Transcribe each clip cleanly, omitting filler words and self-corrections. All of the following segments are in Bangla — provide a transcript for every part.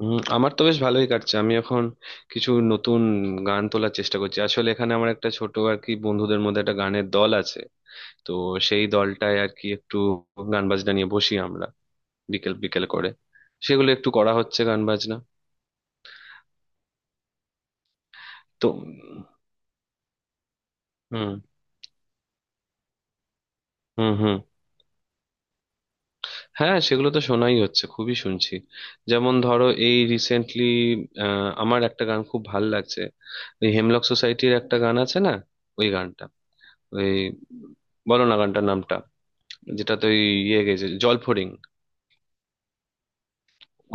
আমার তো বেশ ভালোই কাটছে। আমি এখন কিছু নতুন গান তোলার চেষ্টা করছি। আসলে এখানে আমার একটা ছোট আর কি বন্ধুদের মধ্যে একটা গানের দল আছে। তো সেই দলটায় আর কি একটু গান বাজনা নিয়ে বসি আমরা, বিকেল বিকেল করে। সেগুলো একটু করা হচ্ছে, গান বাজনা, তো। হুম, হুম, হুম। হ্যাঁ, সেগুলো তো শোনাই হচ্ছে, খুবই শুনছি। যেমন ধরো, এই রিসেন্টলি আমার একটা গান খুব ভাল লাগছে। ওই হেমলক সোসাইটির একটা গান আছে না, ওই গানটা, ওই, বলো না গানটার নামটা, যেটা তো ওই, ইয়ে গেছে, জলফড়িং।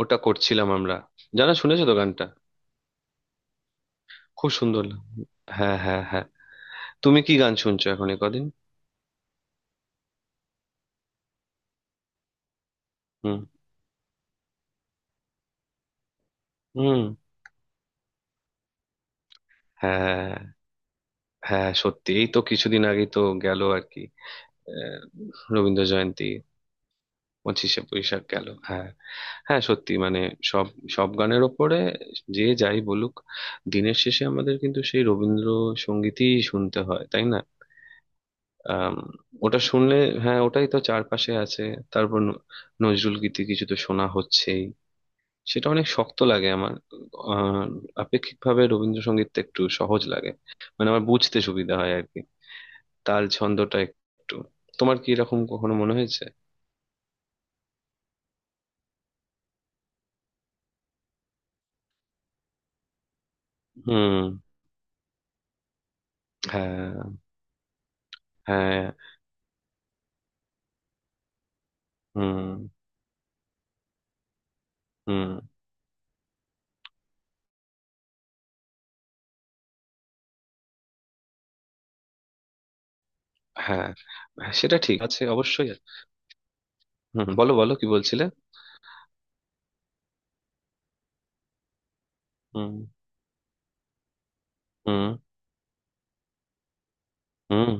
ওটা করছিলাম আমরা। জানা শুনেছো তো গানটা, খুব সুন্দর হ্যাঁ, হ্যাঁ, হ্যাঁ। তুমি কি গান শুনছো এখন এ কদিন? হুম, হুম। হ্যাঁ, হ্যাঁ সত্যি, এই তো কিছুদিন আগে তো গেল আর কি, আহ, রবীন্দ্র জয়ন্তী, পঁচিশে বৈশাখ গেল। হ্যাঁ, হ্যাঁ সত্যি মানে, সব সব গানের ওপরে, যে যাই বলুক, দিনের শেষে আমাদের কিন্তু সেই রবীন্দ্রসঙ্গীতই শুনতে হয়, তাই না? আম, ওটা শুনলে, হ্যাঁ ওটাই তো চারপাশে আছে। তারপর নজরুল গীতি কিছু তো শোনা হচ্ছেই, সেটা অনেক শক্ত লাগে আমার। আহ, আপেক্ষিকভাবে রবীন্দ্রসঙ্গীতটা একটু সহজ লাগে, মানে আমার বুঝতে সুবিধা হয় আর কি, তাল ছন্দটা একটু। তোমার কি এরকম কখনো মনে হয়েছে? হুম। হ্যাঁ। হ্যাঁ। হুম, হুম। হ্যাঁ, হ্যাঁ, সেটা ঠিক আছে, অবশ্যই আছে। হুম, বলো বলো কি বলছিলে। হুম, হুম, হুম।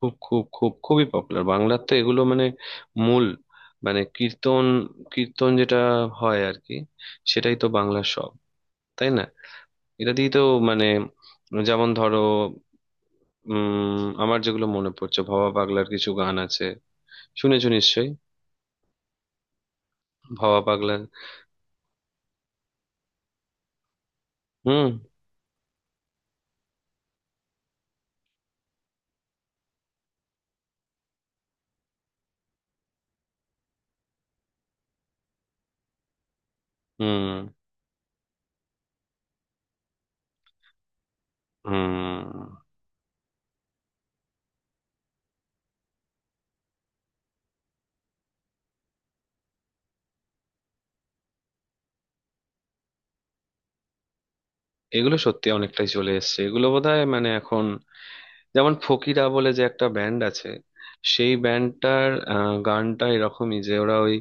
খুব খুব খুব খুবই পপুলার, বাংলার তো এগুলো মানে মূল, মানে কীর্তন, কীর্তন যেটা হয় আর কি, সেটাই তো বাংলার সব, তাই না? এটা দিয়ে তো মানে, যেমন ধরো, আমার যেগুলো মনে পড়ছে, ভবা পাগলার কিছু গান আছে, শুনেছো নিশ্চয়ই। ভবা পাগলা। হুম, হুম, হুম। এগুলো সত্যি অনেকটাই চলে এসেছে, এগুলো বোধহয় মানে এখন, যেমন ফকিরা বলে যে একটা ব্যান্ড আছে, সেই ব্যান্ডটার গানটা এরকমই, যে ওরা ওই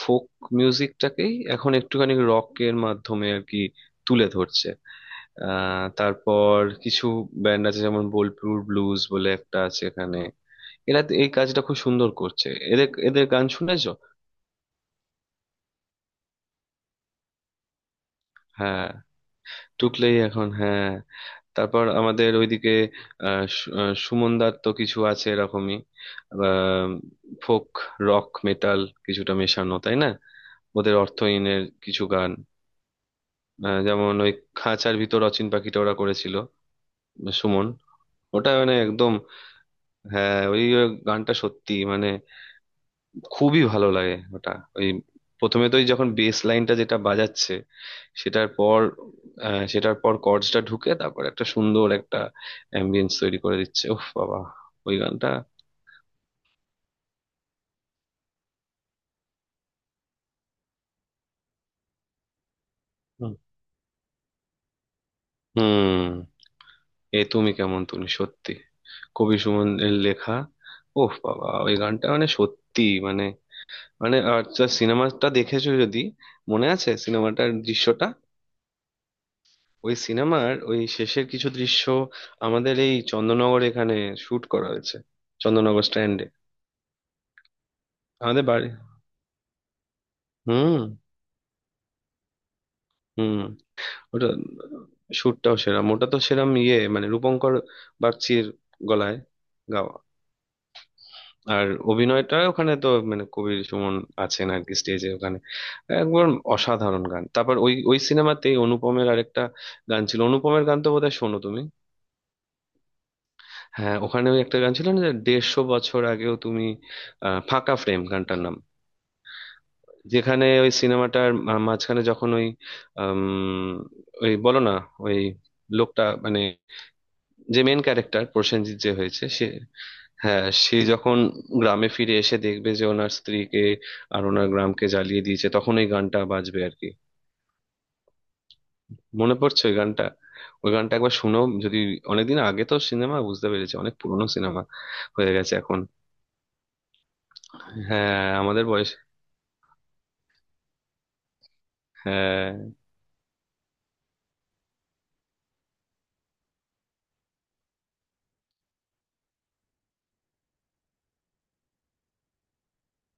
ফোক মিউজিকটাকেই এখন একটুখানি রকের মাধ্যমে আর কি তুলে ধরছে। তারপর কিছু ব্যান্ড আছে, যেমন বোলপুর ব্লুজ বলে একটা আছে এখানে, এরা তো এই কাজটা খুব সুন্দর করছে। এদের এদের গান শুনেছো? হ্যাঁ। টুকলেই এখন, হ্যাঁ। তারপর আমাদের ওইদিকে সুমন দার তো কিছু আছে এরকমই, ফোক রক মেটাল কিছুটা মেশানো, তাই না? ওদের অর্থহীনের কিছু গান, যেমন ওই খাঁচার ভিতর অচিন পাখিটা ওরা করেছিল, সুমন। ওটা মানে একদম। হ্যাঁ, ওই গানটা সত্যি মানে খুবই ভালো লাগে ওটা। ওই প্রথমে তো ওই যখন বেস লাইনটা যেটা বাজাচ্ছে, সেটার পর, সেটার পর কর্ডসটা ঢুকে, তারপর একটা সুন্দর একটা অ্যাম্বিয়েন্স তৈরি করে দিচ্ছে। ওহ বাবা, ওই গানটা। হুম। হুম, এ তুমি কেমন তুমি, সত্যি। কবি সুমনের লেখা। ওহ বাবা ওই গানটা মানে সত্যি, মানে, মানে আর, সিনেমাটা দেখেছো যদি, মনে আছে সিনেমাটার দৃশ্যটা? ওই সিনেমার ওই শেষের কিছু দৃশ্য আমাদের এই চন্দননগর এখানে শুট করা হয়েছে, চন্দননগর স্ট্যান্ডে, আমাদের বাড়ি। হুম, হুম। ওটা শুটটাও সেরাম, ওটা তো সেরাম, ইয়ে মানে রূপঙ্কর বাগচির গলায় গাওয়া। আর অভিনয়টা ওখানে তো মানে কবির সুমন আছেন আর কি, স্টেজে ওখানে একবার। অসাধারণ গান। তারপর ওই ওই সিনেমাতেই অনুপমের আরেকটা গান ছিল। অনুপমের গান তো বোধহয় শোনো তুমি। হ্যাঁ, ওখানে ওই একটা গান ছিল না, যে দেড়শো বছর আগেও তুমি, ফাঁকা ফ্রেম গানটার নাম। যেখানে ওই সিনেমাটার মাঝখানে যখন ওই, আম, ওই বলো না, ওই লোকটা মানে, যে মেন ক্যারেক্টার প্রসেনজিৎ যে হয়েছে সে, হ্যাঁ সে যখন গ্রামে ফিরে এসে দেখবে যে ওনার স্ত্রীকে আর ওনার গ্রামকে জ্বালিয়ে দিয়েছে, তখন ওই গানটা বাজবে আর কি। মনে পড়ছে ওই গানটা। ওই গানটা একবার শুনো যদি। অনেকদিন আগে তো সিনেমা, বুঝতে পেরেছি অনেক পুরনো সিনেমা হয়ে গেছে এখন। হ্যাঁ, আমাদের বয়সে। হ্যাঁ।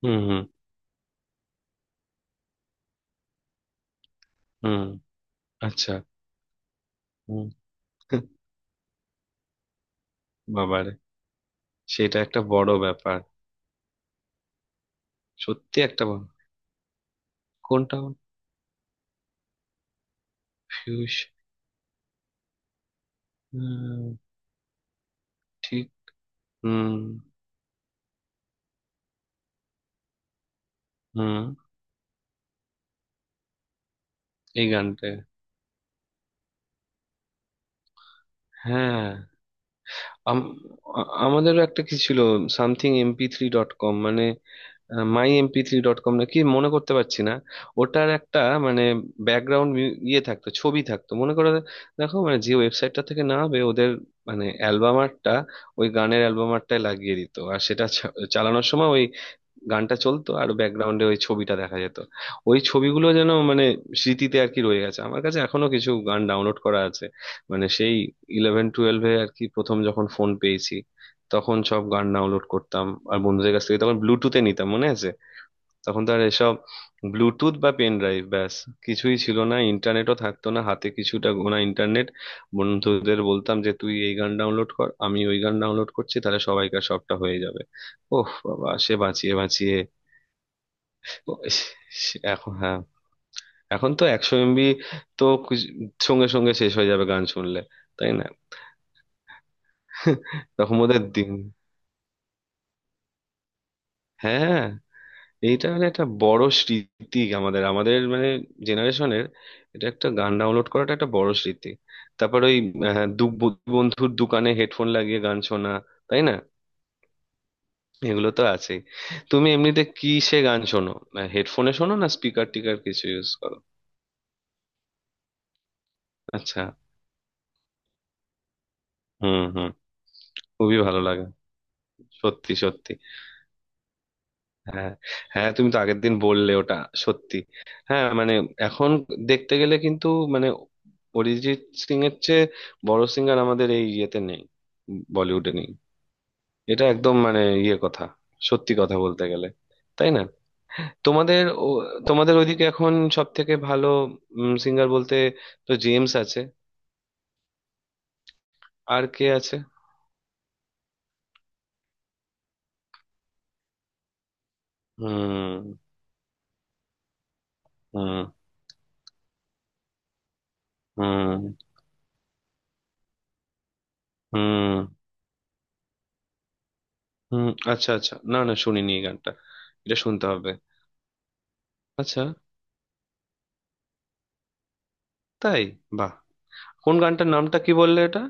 হুম, হুম, হুম। আচ্ছা। হুম। বাবারে, সেটা একটা বড় ব্যাপার। সত্যি একটা বড়। কোনটা? ফিউজ। ঠিক। হুম, হুম। এই গানটা। হ্যাঁ। আম- আমাদেরও একটা কি ছিল, সামথিং MP3 ডট কম, মানে মাই MP3 ডট কম, নাকি মনে করতে পারছি না। ওটার একটা মানে ব্যাকগ্রাউন্ড, ইয়ে থাকতো, ছবি থাকতো, মনে করে দেখো, মানে যে ওয়েবসাইটটা থেকে নামাবে ওদের মানে অ্যালবাম আর্টটা, ওই গানের অ্যালবাম আর্টটায় লাগিয়ে দিত, আর সেটা চালানোর সময় ওই গানটা চলতো আর ব্যাকগ্রাউন্ডে ওই ছবিটা দেখা যেত। ওই ছবিগুলো যেন মানে স্মৃতিতে আর কি রয়ে গেছে। আমার কাছে এখনো কিছু গান ডাউনলোড করা আছে মানে, সেই ইলেভেন টুয়েলভে আর কি প্রথম যখন ফোন পেয়েছি তখন সব গান ডাউনলোড করতাম। আর বন্ধুদের কাছ থেকে তখন ব্লুটুথে নিতাম, মনে আছে। তখন তো আর এসব ব্লুটুথ বা পেন ড্রাইভ ব্যাস কিছুই ছিল না। ইন্টারনেটও থাকতো না হাতে, কিছুটা গোনা ইন্টারনেট। বন্ধুদের বলতাম যে, তুই এই গান ডাউনলোড কর, আমি ওই গান ডাউনলোড করছি, তাহলে সবাইকার সবটা হয়ে যাবে। ওহ বাবা, সে বাঁচিয়ে বাঁচিয়ে তো। সে- সে- এখন হ্যাঁ, এখন তো 100 এমবি তো কিছু- সঙ্গে সঙ্গে শেষ হয়ে যাবে গান শুনলে, তাই না? তখন ওদের দিন। হ্যাঁ, হ্যাঁ, এইটা মানে একটা বড় স্মৃতি আমাদের, আমাদের মানে জেনারেশনের, এটা, একটা গান ডাউনলোড করাটা একটা বড় স্মৃতি। তারপর ওই দু বন্ধুর দোকানে হেডফোন লাগিয়ে গান শোনা, তাই না? এগুলো তো আছে। তুমি এমনিতে কিসে গান শোনো? হেডফোনে শোনো, না স্পিকার টিকার কিছু ইউজ করো? আচ্ছা। হুম, হুম। খুবই ভালো লাগে। সত্যি সত্যি। হ্যাঁ, হ্যাঁ তুমি তো আগের দিন বললে ওটা, সত্যি। হ্যাঁ মানে এখন দেখতে গেলে কিন্তু মানে অরিজিৎ সিং এর চেয়ে বড় সিঙ্গার আমাদের এই ইয়েতে নেই, বলিউডে নেই। এটা একদম মানে ইয়ে কথা, সত্যি কথা বলতে গেলে, তাই না? তোমাদের ও- তোমাদের ওইদিকে এখন সব থেকে ভালো সিঙ্গার বলতে তো জেমস আছে, আর কে আছে? হুম, হুম, হুম, হুম, হুম। আচ্ছা, আচ্ছা, না না শুনিনি এই গানটা, এটা শুনতে হবে। আচ্ছা। তাই? বাহ। কোন গানটার, নামটা কি বললে এটা?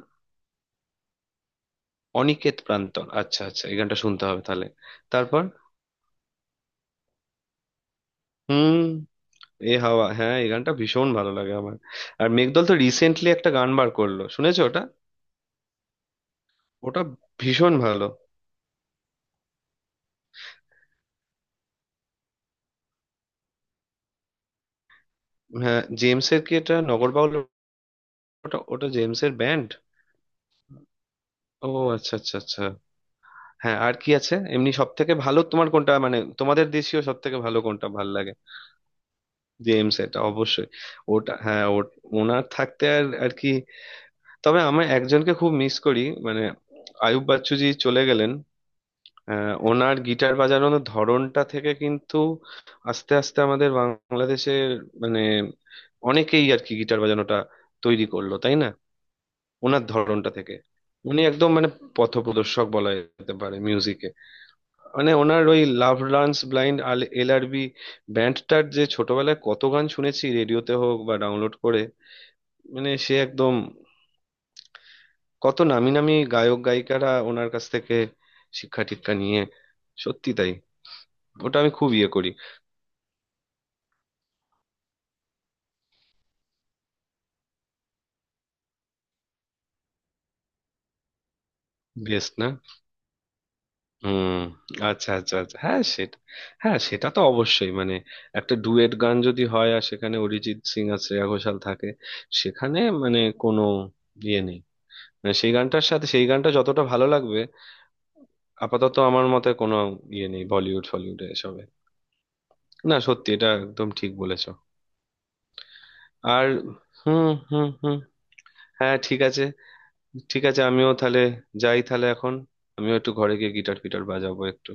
অনিকেত প্রান্তন, আচ্ছা আচ্ছা, এই গানটা শুনতে হবে তাহলে। তারপর? হুম। এ হাওয়া, হ্যাঁ এই গানটা ভীষণ ভালো লাগে আমার। আর মেঘদল তো রিসেন্টলি একটা গান বার করলো, শুনেছো ওটা? ওটা ভীষণ ভালো। হ্যাঁ জেমসের কি এটা নগরবাউল? ওটা, ওটা জেমসের ব্যান্ড? ও, আচ্ছা আচ্ছা আচ্ছা। হ্যাঁ, আর কি আছে এমনি সব থেকে ভালো, তোমার কোনটা মানে তোমাদের দেশীয় সব থেকে ভালো কোনটা ভাল লাগে? জেমস এটা অবশ্যই। ওটা হ্যাঁ, ওনার থাকতে আর আর কি। তবে আমি একজনকে খুব মিস করি মানে, আয়ুব বাচ্চু জি চলে গেলেন। ওনার গিটার বাজানোর ধরনটা থেকে কিন্তু আস্তে আস্তে আমাদের বাংলাদেশের মানে অনেকেই আর কি গিটার বাজানোটা তৈরি করলো, তাই না? ওনার ধরনটা থেকে। উনি একদম মানে পথপ্রদর্শক বলা যেতে পারে মিউজিকে। মানে ওনার ওই লাভ লার্নস ব্লাইন্ড, LRB ব্যান্ডটার, যে ছোটবেলায় কত গান শুনেছি রেডিওতে হোক বা ডাউনলোড করে। মানে সে একদম, কত নামি নামি গায়ক গায়িকারা ওনার কাছ থেকে শিক্ষা টিক্ষা নিয়ে, সত্যি তাই। ওটা আমি খুব ইয়ে করি। বেস্ট না? হুম। আচ্ছা আচ্ছা আচ্ছা, হ্যাঁ সেটা। হ্যাঁ সেটা তো অবশ্যই মানে, একটা ডুয়েট গান যদি হয় আর সেখানে অরিজিৎ সিং আর শ্রেয়া ঘোষাল থাকে, সেখানে মানে কোনো ইয়ে নেই, মানে সেই গানটার সাথে, সেই গানটা যতটা ভালো লাগবে, আপাতত আমার মতে কোনো ইয়ে নেই বলিউড ফলিউডে এসবে। না সত্যি, এটা একদম ঠিক বলেছো। আর, হুম, হুম, হুম। হ্যাঁ ঠিক আছে। ঠিক আছে, আমিও তাহলে, যাই তাহলে এখন, আমিও একটু ঘরে গিয়ে গিটার ফিটার বাজাবো একটু।